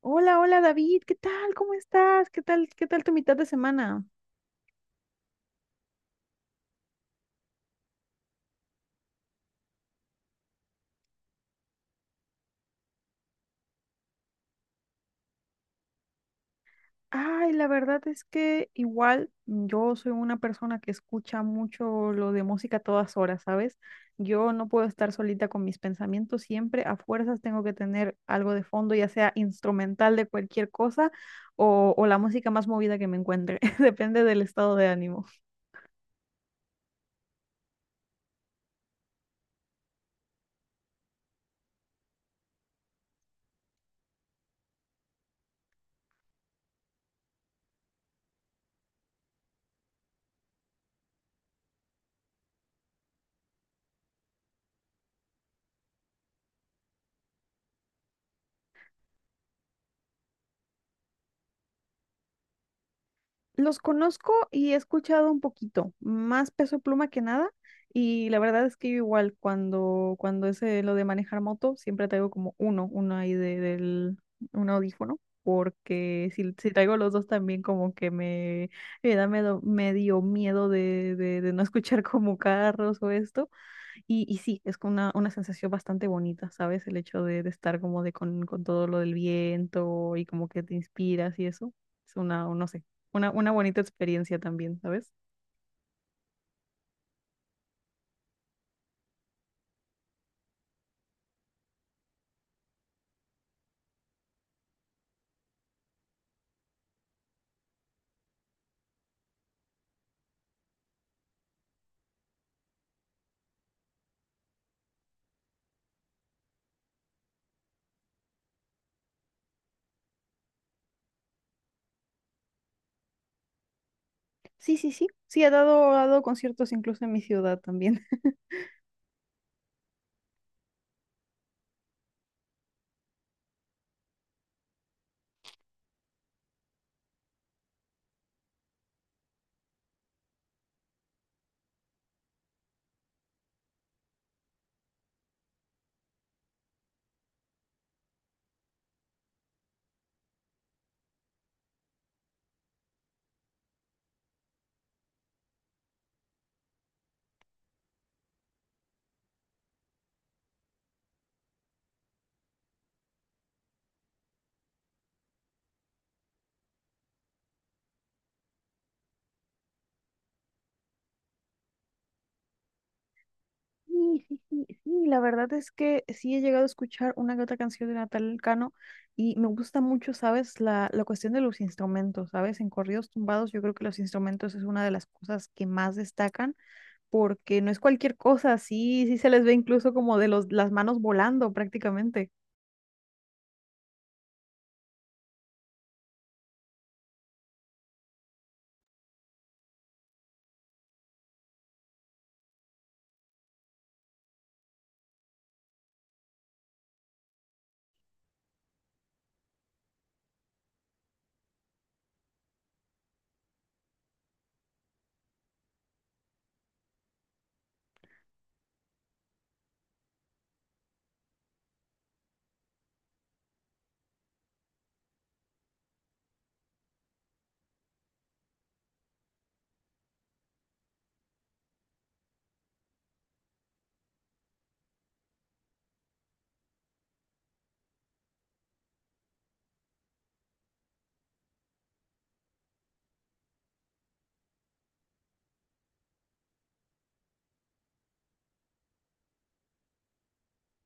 Hola, hola David, ¿qué tal? ¿Cómo estás? ¿Qué tal? ¿Qué tal tu mitad de semana? Ay, la verdad es que igual yo soy una persona que escucha mucho lo de música a todas horas, ¿sabes? Yo no puedo estar solita con mis pensamientos, siempre a fuerzas tengo que tener algo de fondo, ya sea instrumental de cualquier cosa o la música más movida que me encuentre, depende del estado de ánimo. Los conozco y he escuchado un poquito, más Peso Pluma que nada. Y la verdad es que yo igual cuando es lo de manejar moto, siempre traigo como uno, uno ahí del un audífono, porque si traigo los dos también como que me da medio, medio miedo de no escuchar como carros o esto. Y sí, es como una sensación bastante bonita, ¿sabes? El hecho de estar como de con todo lo del viento y como que te inspiras y eso. Es una, no sé, una bonita experiencia también, ¿sabes? Sí, sí, sí. Sí, he dado conciertos incluso en mi ciudad también. Sí, sí, sí, sí, la verdad es que sí he llegado a escuchar una que otra canción de Natal Cano y me gusta mucho, ¿sabes? La cuestión de los instrumentos, ¿sabes? En corridos tumbados yo creo que los instrumentos es una de las cosas que más destacan porque no es cualquier cosa, sí, sí se les ve incluso como de los, las manos volando prácticamente.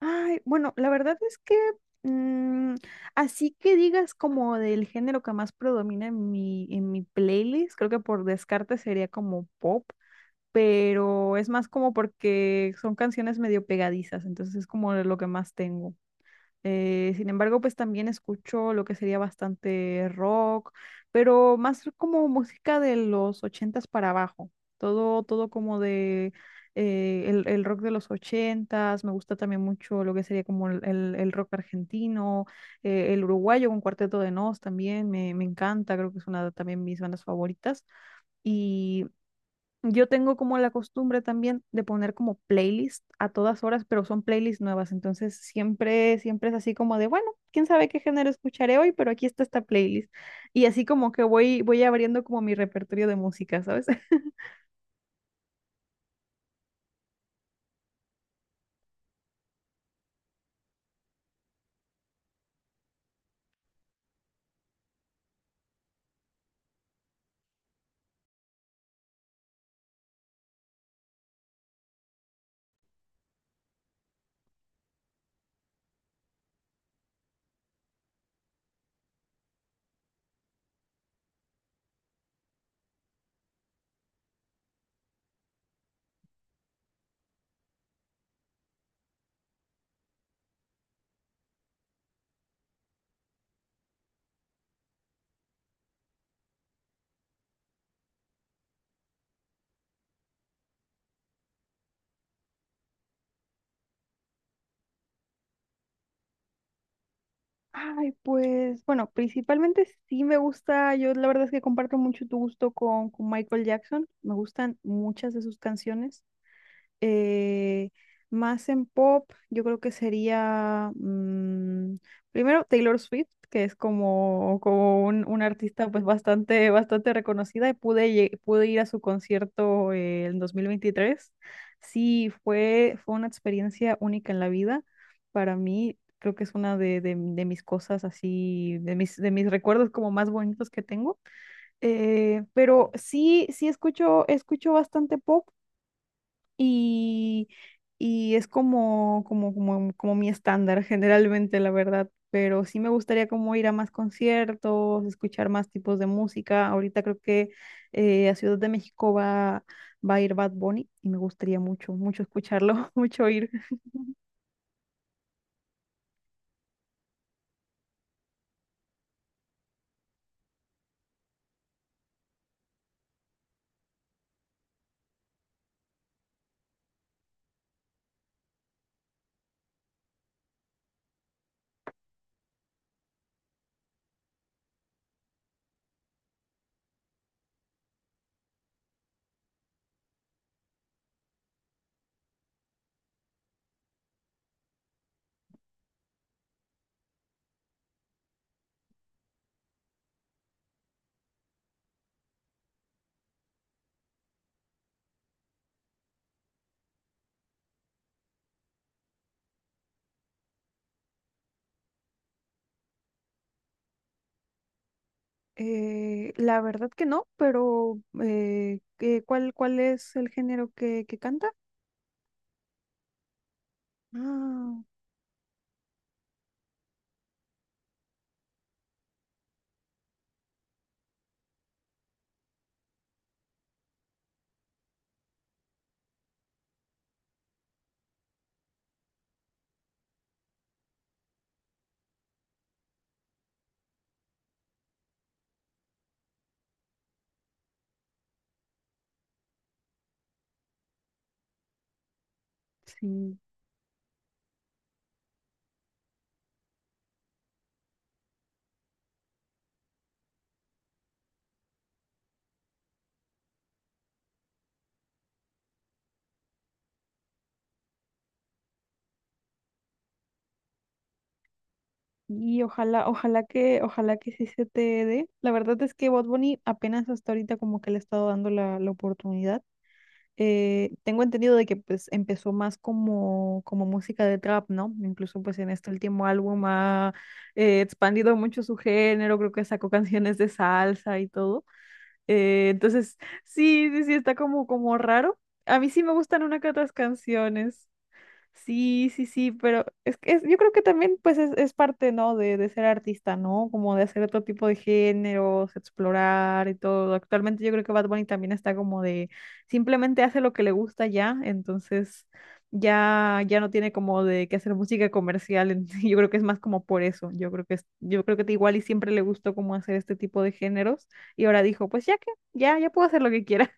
Ay, bueno, la verdad es que mm, así que digas como del género que más predomina en en mi playlist, creo que por descarte sería como pop, pero es más como porque son canciones medio pegadizas, entonces es como de lo que más tengo. Sin embargo, pues también escucho lo que sería bastante rock, pero más como música de los ochentas para abajo. Todo, todo como de el rock de los ochentas. Me gusta también mucho lo que sería como el rock argentino, el uruguayo con Cuarteto de Nos también me encanta. Creo que es una de también mis bandas favoritas. Y yo tengo como la costumbre también de poner como playlist a todas horas, pero son playlists nuevas, entonces siempre es así como de, bueno, quién sabe qué género escucharé hoy, pero aquí está esta playlist. Y así como que voy abriendo como mi repertorio de música, ¿sabes? Ay, pues, bueno, principalmente sí me gusta, yo la verdad es que comparto mucho tu gusto con Michael Jackson, me gustan muchas de sus canciones. eh, Más en pop, yo creo que sería primero Taylor Swift, que es como, como un artista pues bastante, bastante reconocida y pude ir a su concierto en 2023. Sí, fue, fue una experiencia única en la vida para mí. Creo que es una de mis cosas así, de mis recuerdos como más bonitos que tengo. Pero sí, sí escucho, escucho bastante pop y, y es como, como, como, como mi estándar generalmente, la verdad, pero sí me gustaría como ir a más conciertos, escuchar más tipos de música. Ahorita creo que a Ciudad de México va a ir Bad Bunny y me gustaría mucho, mucho escucharlo, mucho ir. La verdad que no, pero ¿ cuál es el género que canta? Ah, sí. Y ojalá, ojalá que sí se te dé. La verdad es que Bad Bunny apenas hasta ahorita como que le he estado dando la oportunidad. Tengo entendido de que pues empezó más como, como música de trap, ¿no? Incluso pues en este último álbum ha expandido mucho su género, creo que sacó canciones de salsa y todo. Entonces, sí, sí, sí, está como, como raro. A mí sí me gustan una que otras canciones. Sí, sí, sí, pero es que yo creo que también pues es parte, ¿no? De ser artista, ¿no? Como de hacer otro tipo de géneros, explorar y todo. Actualmente yo creo que Bad Bunny también está como de simplemente hace lo que le gusta ya, entonces ya ya no tiene como de que hacer música comercial. Yo creo que es más como por eso. Yo creo que es, yo creo que igual y siempre le gustó como hacer este tipo de géneros y ahora dijo, pues ya que ya ya puedo hacer lo que quiera.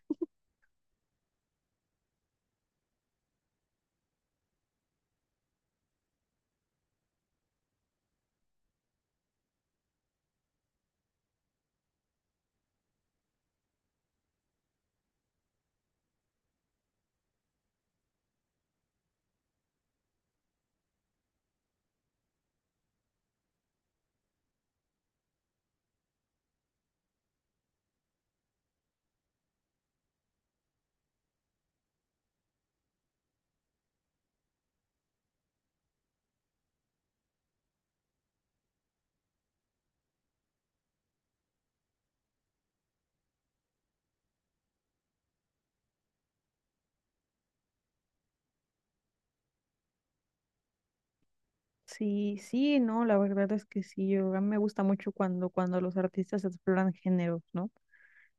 Sí, sí, no, la verdad es que sí, yo, a mí me gusta mucho cuando los artistas exploran géneros, ¿no?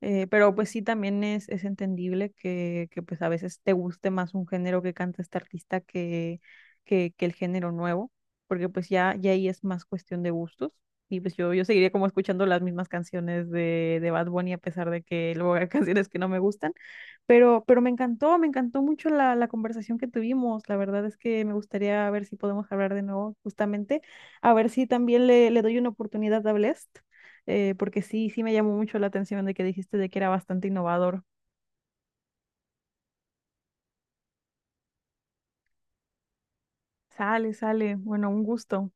Pero pues sí, también es entendible que pues a veces te guste más un género que canta este artista que el género nuevo, porque pues ya, ya ahí es más cuestión de gustos. Y pues yo seguiría como escuchando las mismas canciones de Bad Bunny a pesar de que luego hay canciones que no me gustan pero me encantó mucho la conversación que tuvimos. La verdad es que me gustaría ver si podemos hablar de nuevo, justamente, a ver si también le doy una oportunidad a Blest, porque sí, sí me llamó mucho la atención de que dijiste de que era bastante innovador. Sale, sale. Bueno, un gusto.